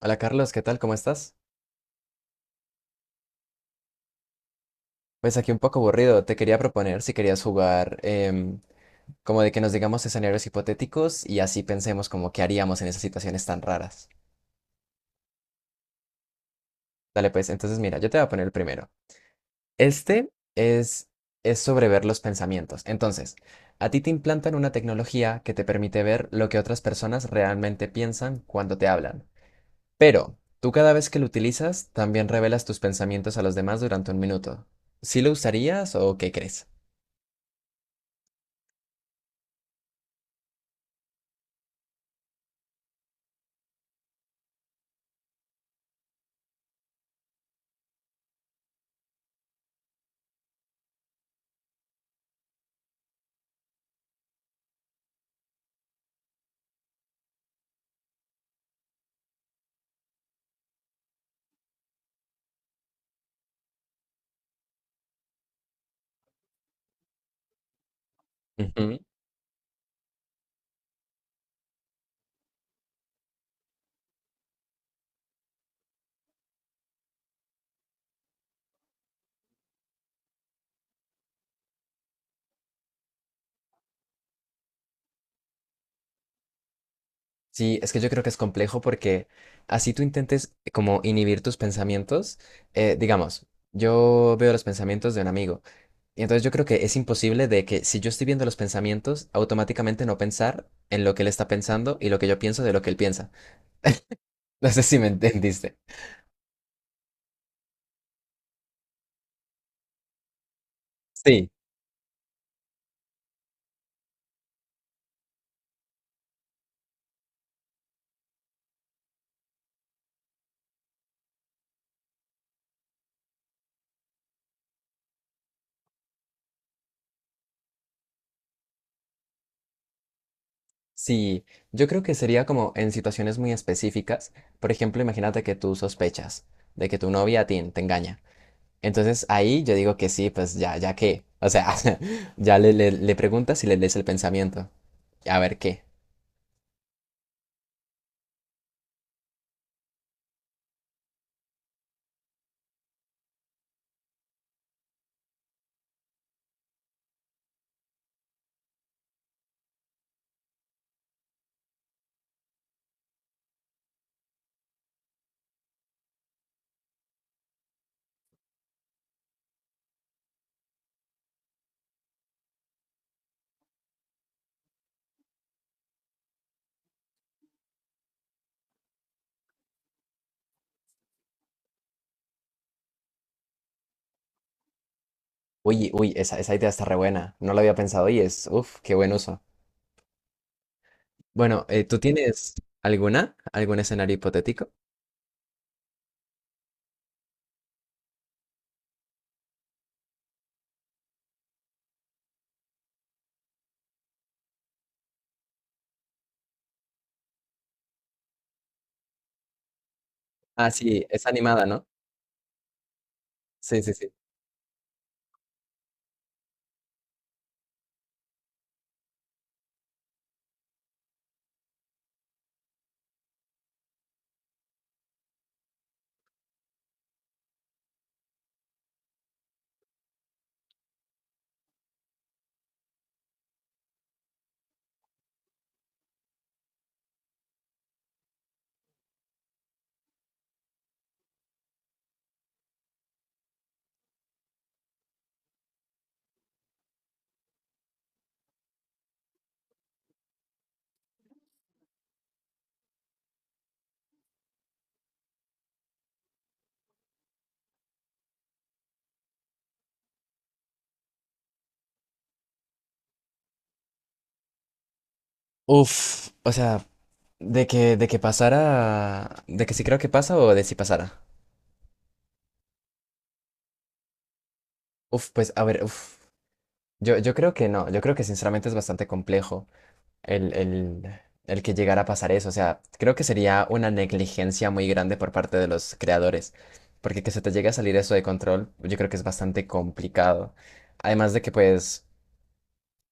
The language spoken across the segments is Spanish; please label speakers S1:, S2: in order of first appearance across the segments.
S1: Hola Carlos, ¿qué tal? ¿Cómo estás? Pues aquí un poco aburrido. Te quería proponer si querías jugar como de que nos digamos escenarios hipotéticos y así pensemos como qué haríamos en esas situaciones tan raras. Dale pues, entonces mira, yo te voy a poner el primero. Este es, es sobre ver los pensamientos. Entonces, a ti te implantan una tecnología que te permite ver lo que otras personas realmente piensan cuando te hablan. Pero tú cada vez que lo utilizas, también revelas tus pensamientos a los demás durante un minuto. ¿Sí lo usarías o qué crees? Ujú. Sí, es que yo creo que es complejo porque así tú intentes como inhibir tus pensamientos, digamos, yo veo los pensamientos de un amigo y entonces yo creo que es imposible de que si yo estoy viendo los pensamientos, automáticamente no pensar en lo que él está pensando y lo que yo pienso de lo que él piensa. No sé si me entendiste. Sí, sí, yo creo que sería como en situaciones muy específicas, por ejemplo, imagínate que tú sospechas de que tu novia a ti te engaña. Entonces ahí yo digo que sí, pues ya, ya qué. O sea, ya le preguntas y le lees el pensamiento. A ver qué. Uy, uy, esa idea está re buena. No lo había pensado y es, uff, qué buen uso. Bueno, ¿tú tienes alguna? ¿Algún escenario hipotético? Ah, sí, es animada, ¿no? Sí, sí, sí. Uf, o sea, de que pasara, de que sí creo que pasa o de si pasara. Uf, pues a ver, uf. Yo creo que no, yo creo que sinceramente es bastante complejo. el, el, el que llegara a pasar eso. O sea, creo que sería una negligencia muy grande por parte de los creadores, porque que se te llegue a salir eso de control, yo creo que es bastante complicado. Además de que, pues,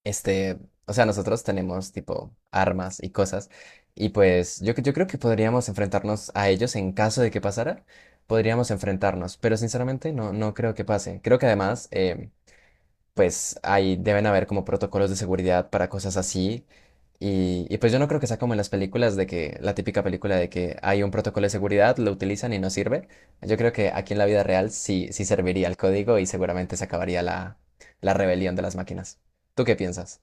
S1: este, o sea, nosotros tenemos tipo armas y cosas, y pues yo creo que podríamos enfrentarnos a ellos en caso de que pasara. Podríamos enfrentarnos, pero sinceramente no, no creo que pase. Creo que además, pues ahí deben haber como protocolos de seguridad para cosas así. Y pues yo no creo que sea como en las películas de que la típica película de que hay un protocolo de seguridad, lo utilizan y no sirve. Yo creo que aquí en la vida real sí, sí serviría el código y seguramente se acabaría la rebelión de las máquinas. ¿Tú qué piensas?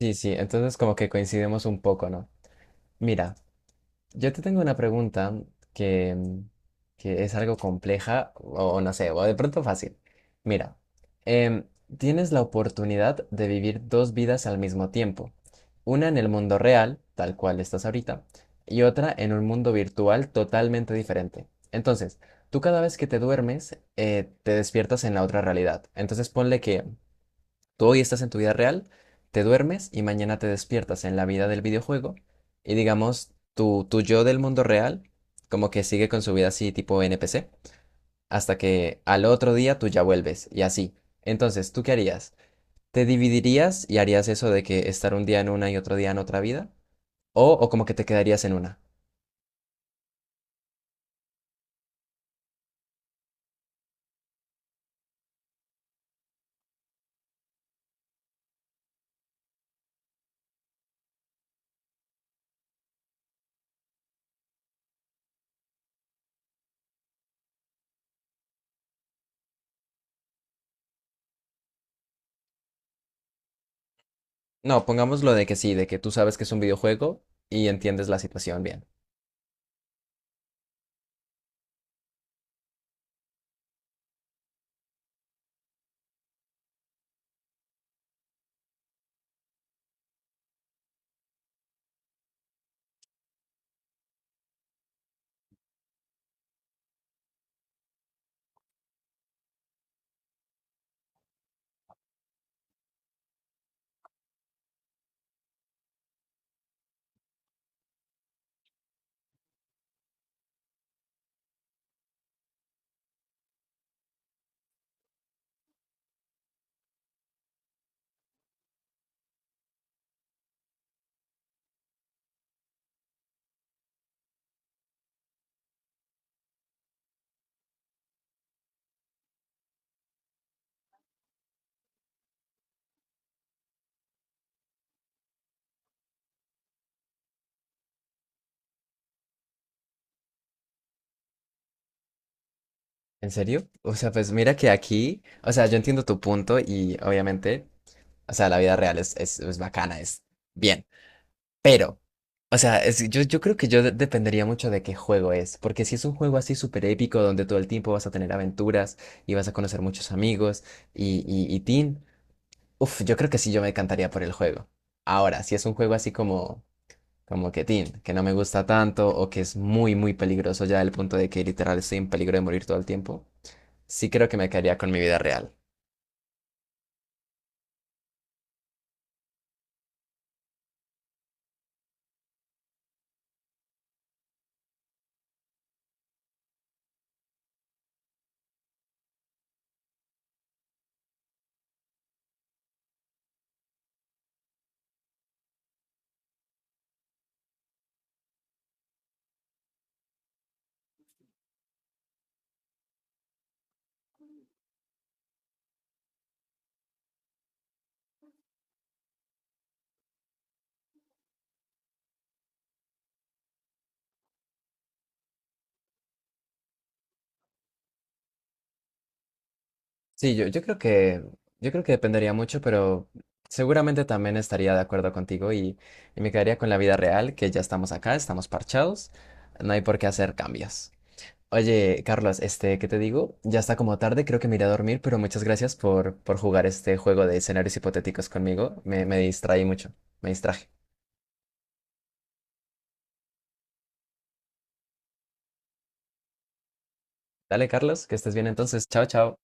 S1: Sí, sí, entonces como que coincidimos un poco, ¿no? Mira. Yo te tengo una pregunta que, que es algo compleja o no sé, o de pronto fácil. Mira, em, tienes la oportunidad de vivir dos vidas al mismo tiempo, una en el mundo real, tal cual estás ahorita, y otra en un mundo virtual totalmente diferente. Entonces, tú cada vez que te duermes, te despiertas en la otra realidad. Entonces, ponle que... Tú hoy estás en tu vida real, te duermes y mañana te despiertas en la vida del videojuego y digamos, tu yo del mundo real como que sigue con su vida así tipo NPC hasta que al otro día tú ya vuelves y así. Entonces, ¿tú qué harías? ¿Te dividirías y harías eso de que estar un día en una y otro día en otra vida? O como que te quedarías en una? No, pongamos lo de que sí, de que tú sabes que es un videojuego y entiendes la situación bien. ¿En serio? O sea, pues mira que aquí, o sea, yo entiendo tu punto y obviamente, o sea, la vida real es bacana, es bien, pero, o sea, es- yo creo que yo de- dependería mucho de qué juego es, porque si es un juego así súper épico donde todo el tiempo vas a tener aventuras y vas a conocer muchos amigos y teen, uff, yo creo que sí, yo me encantaría por el juego. Ahora, si es un juego así como... como que tin, que no me gusta tanto o que es muy, muy peligroso ya del punto de que literal estoy en peligro de morir todo el tiempo, sí creo que me quedaría con mi vida real. Sí, yo creo que dependería mucho, pero seguramente también estaría de acuerdo contigo y me quedaría con la vida real, que ya estamos acá, estamos parchados, no hay por qué hacer cambios. Oye, Carlos, este, ¿qué te digo? Ya está como tarde, creo que me iré a dormir, pero muchas gracias por jugar este juego de escenarios hipotéticos conmigo. Me distraí mucho, me distraje. Dale, Carlos, que estés bien entonces. Chao, chao.